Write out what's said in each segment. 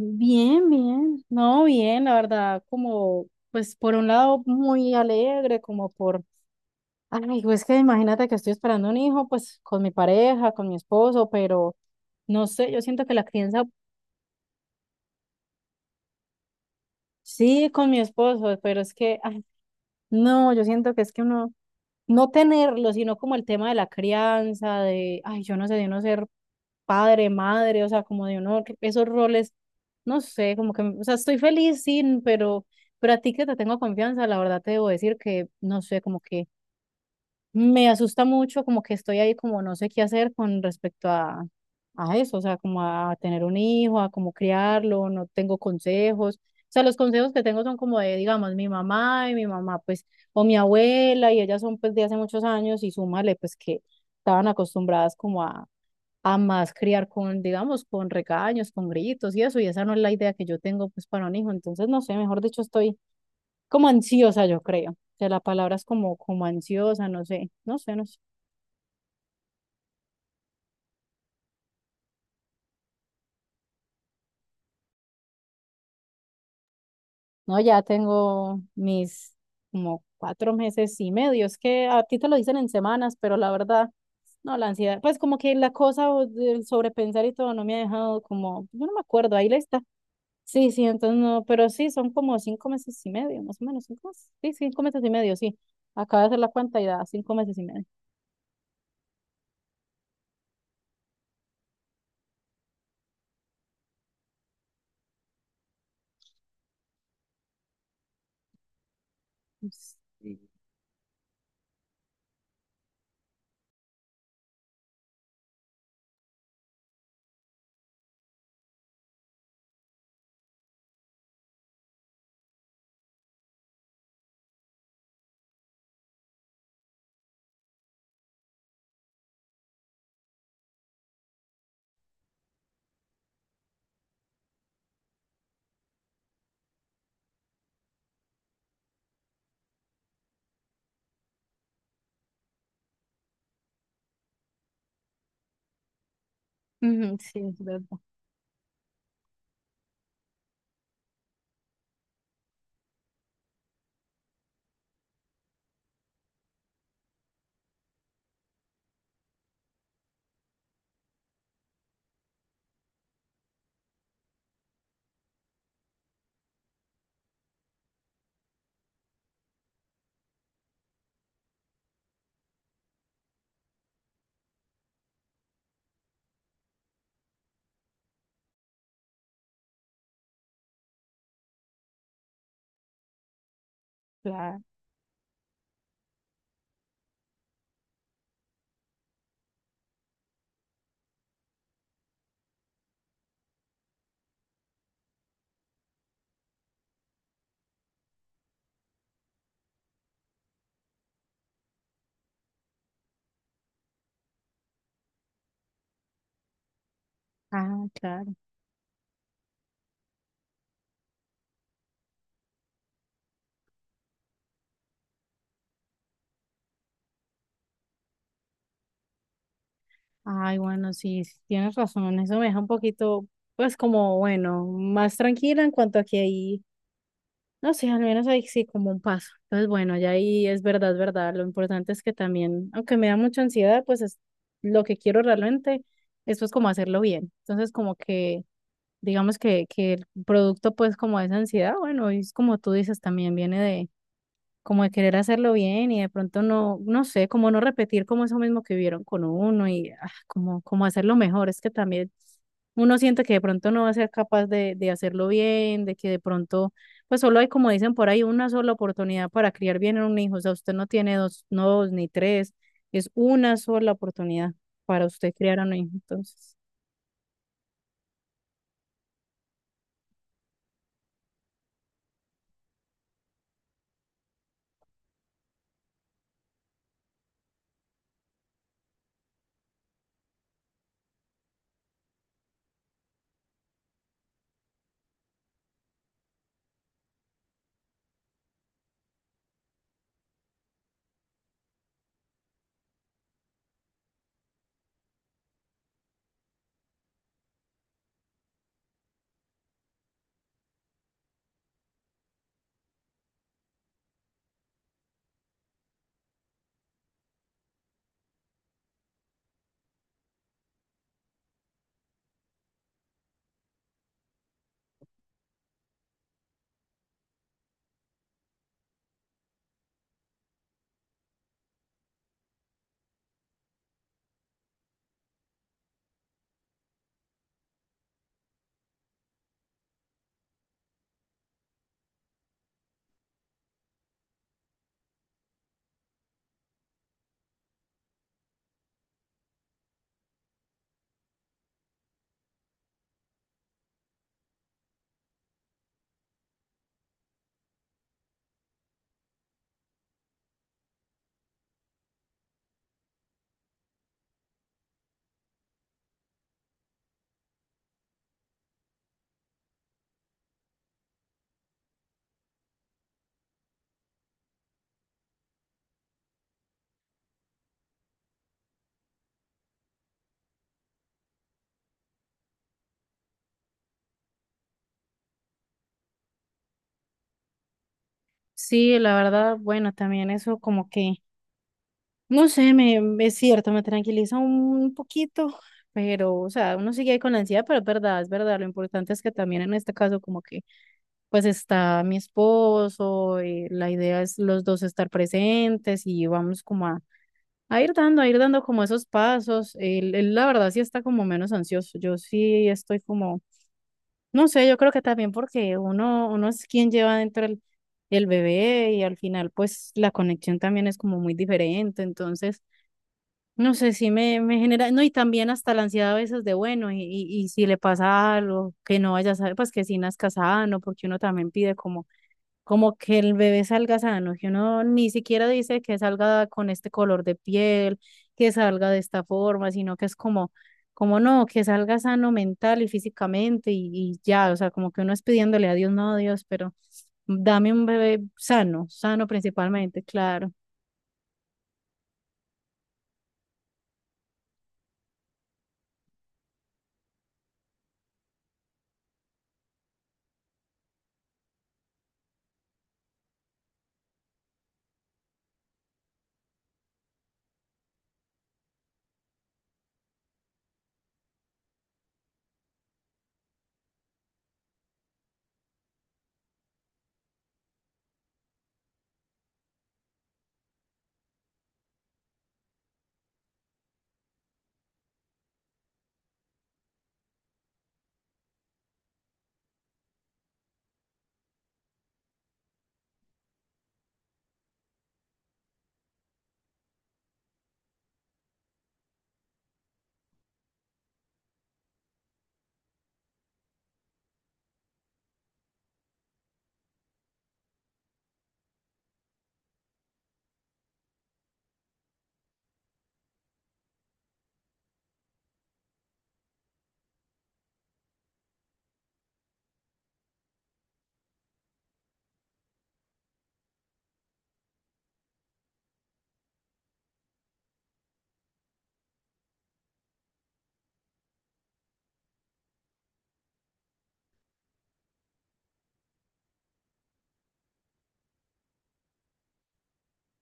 Bien, bien, no, bien, la verdad, como, pues por un lado muy alegre, como por, ay, pues que imagínate que estoy esperando un hijo, pues con mi pareja, con mi esposo, pero no sé, yo siento que la crianza. Sí, con mi esposo, pero es que, ay, no, yo siento que es que uno, no tenerlo, sino como el tema de la crianza, de, ay, yo no sé, de uno ser padre, madre, o sea, como de uno, esos roles, no sé, como que, o sea, estoy feliz, sí, pero a ti que te tengo confianza, la verdad te debo decir que, no sé, como que me asusta mucho, como que estoy ahí como no sé qué hacer con respecto a eso, o sea, como a tener un hijo, a cómo criarlo, no tengo consejos. O sea, los consejos que tengo son como de, digamos, mi mamá y mi mamá, pues, o mi abuela, y ellas son pues de hace muchos años, y súmale, pues que estaban acostumbradas como a más criar con, digamos, con regaños, con gritos y eso, y esa no es la idea que yo tengo pues para un hijo, entonces no sé, mejor dicho, estoy como ansiosa, yo creo, o sea, la palabra es como, como ansiosa, no sé, no sé, no sé. No, ya tengo mis como 4 meses y medio, es que a ti te lo dicen en semanas, pero la verdad, no, la ansiedad, pues como que la cosa o del sobrepensar y todo no me ha dejado como, yo no me acuerdo, ahí la. Sí, sí, entonces no, pero sí, son como 5 meses y medio, más o menos, 5 meses. Sí, 5 meses y medio, sí. Acaba de hacer la cuenta y da 5 meses y medio. Ups. Sí. Ujú. Sí, es verdad. Claro. Ah, claro. Ay, bueno, sí, sí, tienes razón. Eso me deja un poquito, pues como, bueno, más tranquila en cuanto a que ahí, no sé, al menos ahí sí como un paso. Entonces, bueno, ya ahí es verdad, es verdad. Lo importante es que también, aunque me da mucha ansiedad, pues es lo que quiero realmente, esto es como hacerlo bien. Entonces, como que digamos que el producto pues como de esa ansiedad, bueno, es como tú dices, también viene de como de querer hacerlo bien y de pronto no, no sé, como no repetir como eso mismo que vivieron con uno y ah, como, como hacerlo mejor, es que también uno siente que de pronto no va a ser capaz de hacerlo bien, de que de pronto, pues solo hay como dicen por ahí, una sola oportunidad para criar bien a un hijo, o sea, usted no tiene dos, no dos ni tres, es una sola oportunidad para usted criar a un hijo, entonces. Sí, la verdad, bueno, también eso como que, no sé, es cierto, me tranquiliza un poquito, pero, o sea, uno sigue ahí con la ansiedad, pero es verdad, lo importante es que también en este caso como que, pues está mi esposo, y la idea es los dos estar presentes y vamos como a ir dando como esos pasos, él, la verdad sí está como menos ansioso, yo sí estoy como no sé, yo creo que también porque uno, uno es quien lleva dentro el bebé y al final pues la conexión también es como muy diferente, entonces no sé si me, me genera, no, y también hasta la ansiedad a veces de bueno, y si le pasa algo, que no vaya a saber, pues que si nazca sano, porque uno también pide como como que el bebé salga sano, que uno ni siquiera dice que salga con este color de piel, que salga de esta forma, sino que es como, como no, que salga sano mental y físicamente y ya, o sea, como que uno es pidiéndole a Dios, no a Dios, pero dame un bebé sano, sano principalmente, claro.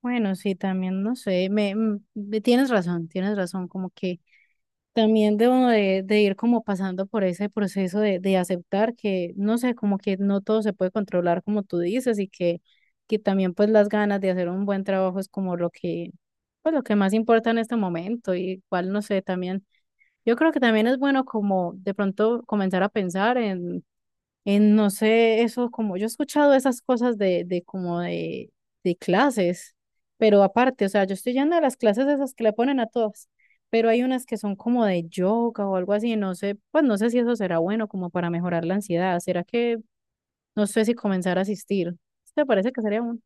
Bueno, sí, también, no sé, tienes razón, como que también debo de ir como pasando por ese proceso de aceptar que, no sé, como que no todo se puede controlar como tú dices y que también pues las ganas de hacer un buen trabajo es como lo que, pues lo que más importa en este momento y igual, no sé, también, yo creo que también es bueno como de pronto comenzar a pensar en no sé, eso como yo he escuchado esas cosas de como de clases, pero aparte, o sea, yo estoy yendo a las clases esas que le ponen a todas, pero hay unas que son como de yoga o algo así, no sé, pues no sé si eso será bueno como para mejorar la ansiedad, será que, no sé si comenzar a asistir. ¿Sí? ¿Te parece que sería bueno?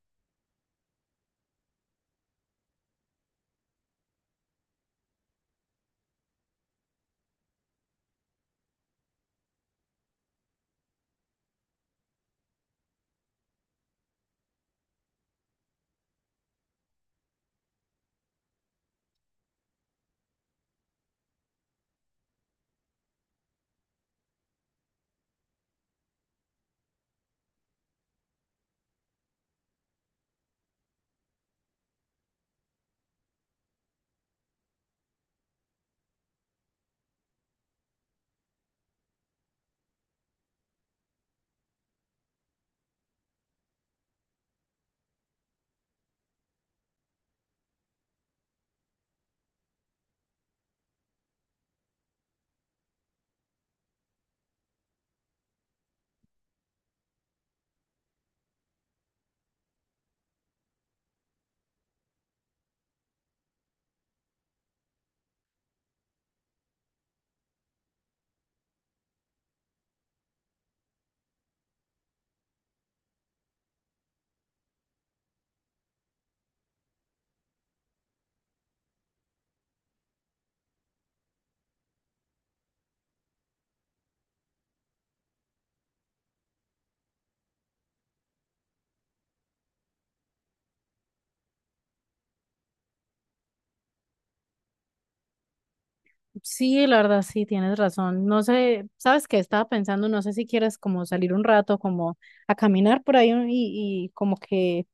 Sí, la verdad, sí, tienes razón, no sé, ¿sabes qué? Estaba pensando, no sé si quieres como salir un rato, como a caminar por ahí y como que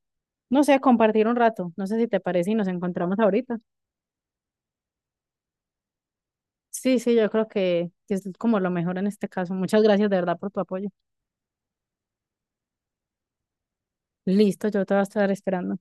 no sé, compartir un rato. No sé si te parece y nos encontramos ahorita. Sí, sí, yo creo que es como lo mejor en este caso. Muchas gracias de verdad por tu apoyo. Listo, yo te voy a estar esperando.